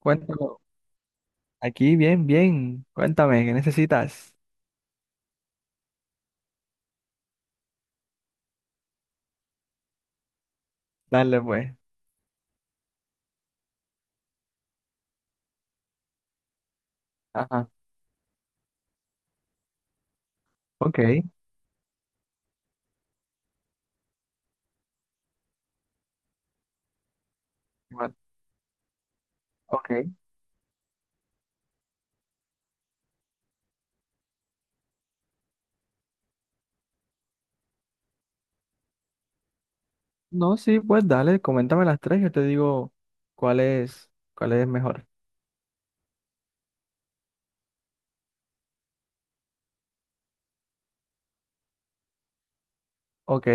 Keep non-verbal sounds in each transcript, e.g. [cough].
Cuéntalo. Aquí, bien, bien. Cuéntame, ¿qué necesitas? Dale, pues. Ajá. Ok. Bueno, ok. No, sí, pues dale, coméntame las tres, yo te digo cuál es mejor. Ok,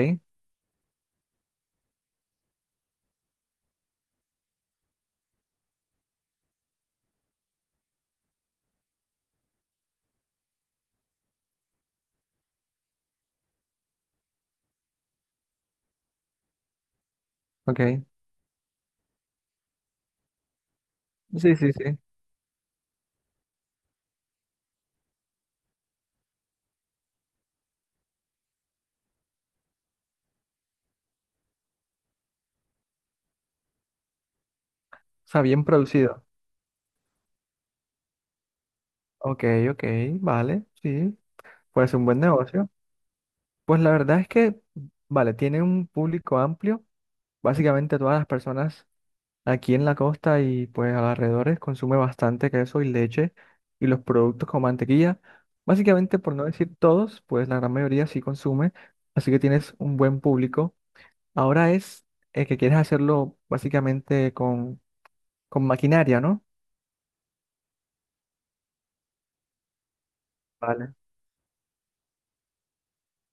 ok. Sí, sí, sí. O sea, bien producido. Ok, ok, vale, sí. Pues un buen negocio. Pues la verdad es que, vale, tiene un público amplio. Básicamente todas las personas aquí en la costa y pues alrededores consume bastante queso y leche y los productos como mantequilla. Básicamente, por no decir todos, pues la gran mayoría sí consume, así que tienes un buen público. Ahora es que quieres hacerlo básicamente con maquinaria, ¿no? Vale.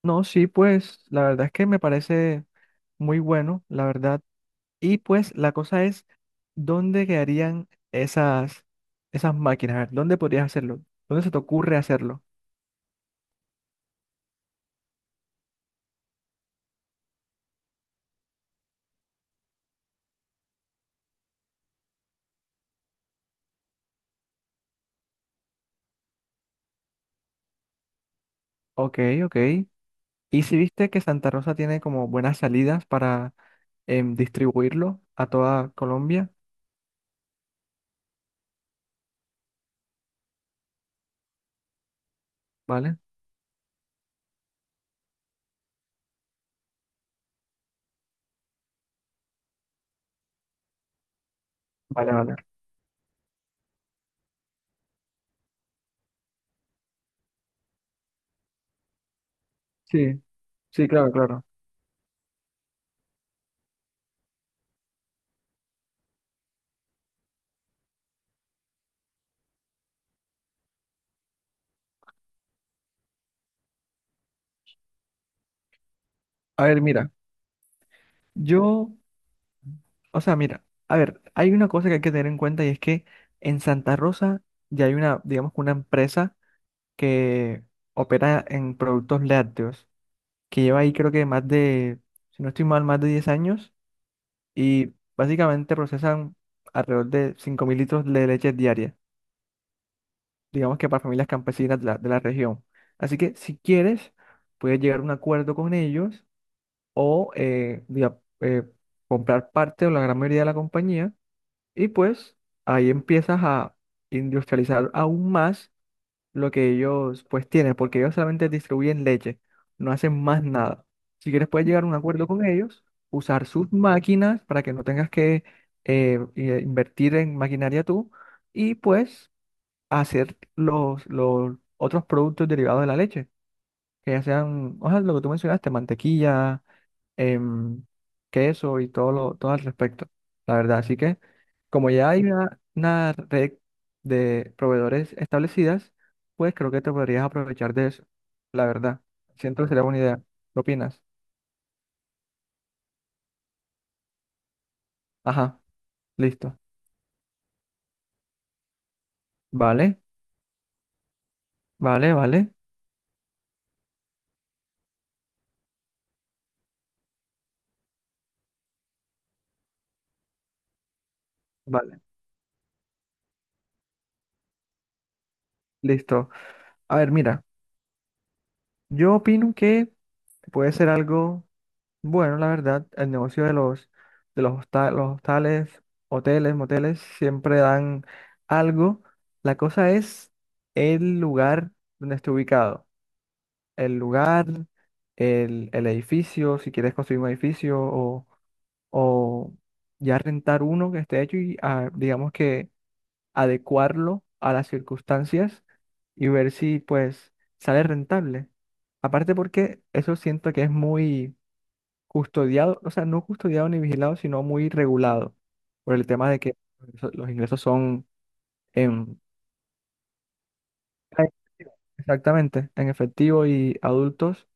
No, sí, pues la verdad es que me parece muy bueno, la verdad. Y pues la cosa es, ¿dónde quedarían esas máquinas? A ver, ¿dónde podrías hacerlo? ¿Dónde se te ocurre hacerlo? Ok, ok. ¿Y si viste que Santa Rosa tiene como buenas salidas para distribuirlo a toda Colombia? ¿Vale? Vale, vale. Sí, sí, claro, claro. A ver, mira, yo, o sea, mira, a ver, hay una cosa que hay que tener en cuenta y es que en Santa Rosa ya hay una, digamos, que una empresa que opera en productos lácteos, que lleva ahí creo que más de, si no estoy mal, más de 10 años y básicamente procesan alrededor de 5.000 litros de leche diaria. Digamos que para familias campesinas de la región. Así que si quieres, puedes llegar a un acuerdo con ellos o comprar parte o la gran mayoría de la compañía y pues ahí empiezas a industrializar aún más lo que ellos pues tienen, porque ellos solamente distribuyen leche, no hacen más nada. Si quieres, puedes llegar a un acuerdo con ellos, usar sus máquinas para que no tengas que invertir en maquinaria tú y pues a hacer los otros productos derivados de la leche, que ya sean, o sea, lo que tú mencionaste, mantequilla, em, queso y todo al respecto, la verdad. Así que, como ya hay una red de proveedores establecidas, pues creo que te podrías aprovechar de eso, la verdad. Siento que sería buena idea. ¿Qué opinas? Ajá, listo. Vale, vale, vale, vale, listo. A ver, mira, yo opino que puede ser algo. Bueno, la verdad, el negocio de los hostales, hoteles, moteles, siempre dan algo. La cosa es el lugar donde esté ubicado. El lugar, el edificio, si quieres construir un edificio o ya rentar uno que esté hecho y digamos que adecuarlo a las circunstancias y ver si pues sale rentable. Aparte porque eso siento que es muy custodiado, o sea, no custodiado ni vigilado, sino muy regulado por el tema de que los ingresos son en... Ah, en efectivo. Exactamente, en efectivo y adultos.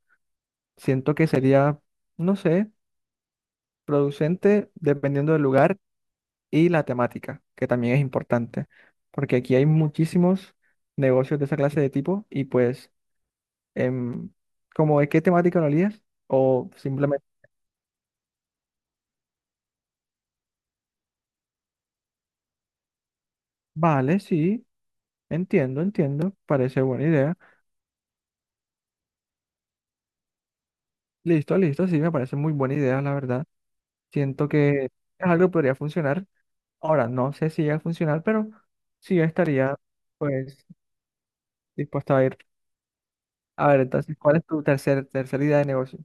Siento que sería, no sé, producente dependiendo del lugar y la temática, que también es importante, porque aquí hay muchísimos negocios de esa clase de tipo y pues, em, como de qué temática lo harías, o simplemente, vale, sí, entiendo, entiendo, parece buena idea. Listo, listo, sí, me parece muy buena idea, la verdad. Siento que es algo que podría funcionar. Ahora, no sé si llega a funcionar, pero sí yo estaría, pues, dispuesto a ir. A ver, entonces, ¿cuál es tu tercera idea de negocio?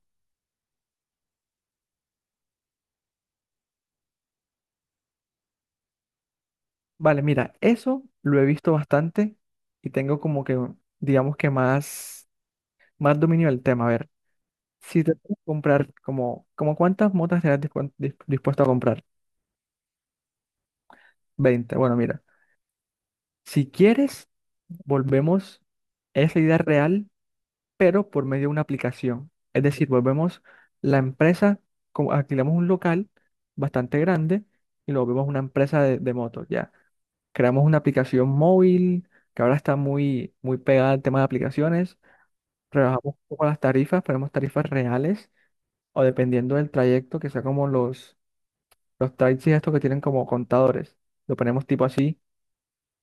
Vale, mira, eso lo he visto bastante y tengo como que, digamos que más dominio del tema. A ver, si te puedes comprar, como, como ¿cuántas motas serás dispuesto a comprar? 20. Bueno, mira, si quieres, volvemos, es la idea real pero por medio de una aplicación. Es decir, volvemos la empresa, como alquilamos un local bastante grande y lo volvemos una empresa de motos, ya. Creamos una aplicación móvil que ahora está muy pegada al tema de aplicaciones. Rebajamos un poco las tarifas, ponemos tarifas reales o dependiendo del trayecto, que sea como los taxis estos que tienen como contadores. Lo ponemos tipo así,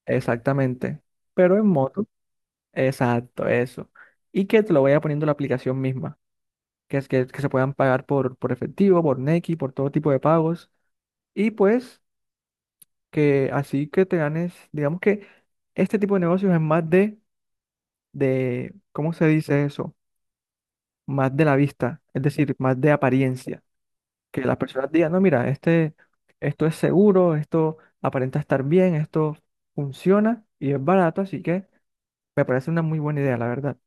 exactamente. Pero en moto, exacto, eso. Y que te lo vaya poniendo la aplicación misma. Que se puedan pagar por efectivo, por Nequi, por todo tipo de pagos. Y pues que así que te ganes, digamos que este tipo de negocios es más de ¿cómo se dice eso? Más de la vista, es decir, más de apariencia. Que las personas digan, no, mira, este, esto es seguro, esto aparenta estar bien, esto funciona y es barato, así que me parece una muy buena idea, la verdad.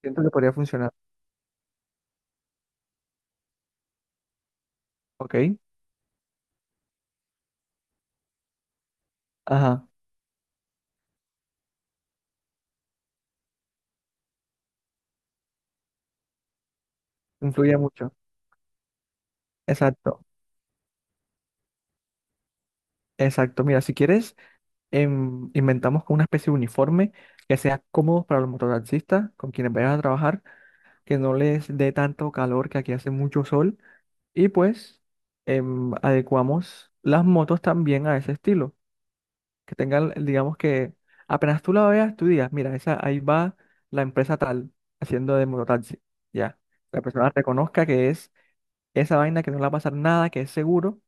Siento que podría funcionar, ¿ok? Ajá, influye mucho. Exacto, exacto. Mira, si quieres... inventamos como una especie de uniforme que sea cómodo para los mototaxistas con quienes vayan a trabajar, que no les dé tanto calor, que aquí hace mucho sol, y pues adecuamos las motos también a ese estilo, que tengan, digamos que apenas tú la veas, tú digas, mira, esa, ahí va la empresa tal haciendo de mototaxi, ya. La persona reconozca que es esa vaina, que no le va a pasar nada, que es seguro,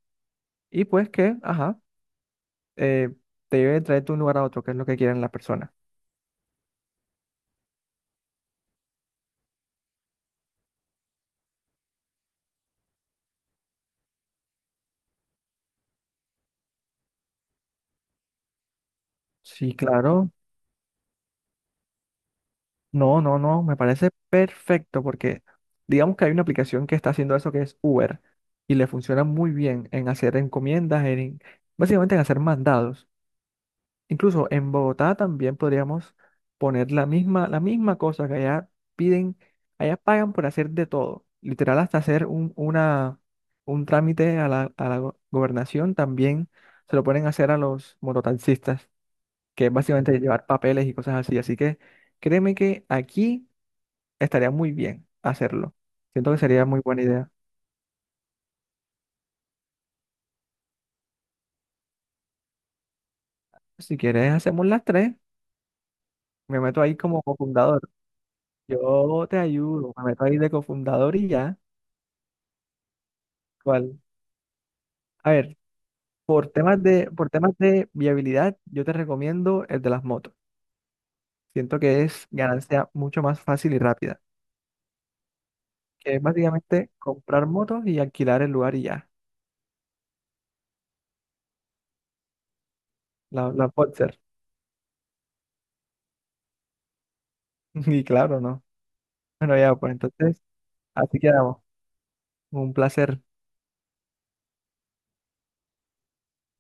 y pues que, ajá, eh, te lleve a de un lugar a otro, que es lo que quieren las personas. Sí, claro. No, no, no, me parece perfecto porque digamos que hay una aplicación que está haciendo eso que es Uber y le funciona muy bien en hacer encomiendas, en, básicamente en hacer mandados. Incluso en Bogotá también podríamos poner la misma cosa que allá piden, allá pagan por hacer de todo. Literal hasta hacer un trámite a la gobernación también se lo ponen a hacer a los mototaxistas. Que es básicamente llevar papeles y cosas así. Así que créeme que aquí estaría muy bien hacerlo. Siento que sería muy buena idea. Si quieres, hacemos las tres. Me meto ahí como cofundador. Yo te ayudo, me meto ahí de cofundador y ya. ¿Cuál? A ver, por temas de viabilidad, yo te recomiendo el de las motos. Siento que es ganancia mucho más fácil y rápida, que es básicamente comprar motos y alquilar el lugar y ya, la Boxer. [laughs] Y claro, ¿no? Bueno, ya, pues entonces, así quedamos. Un placer.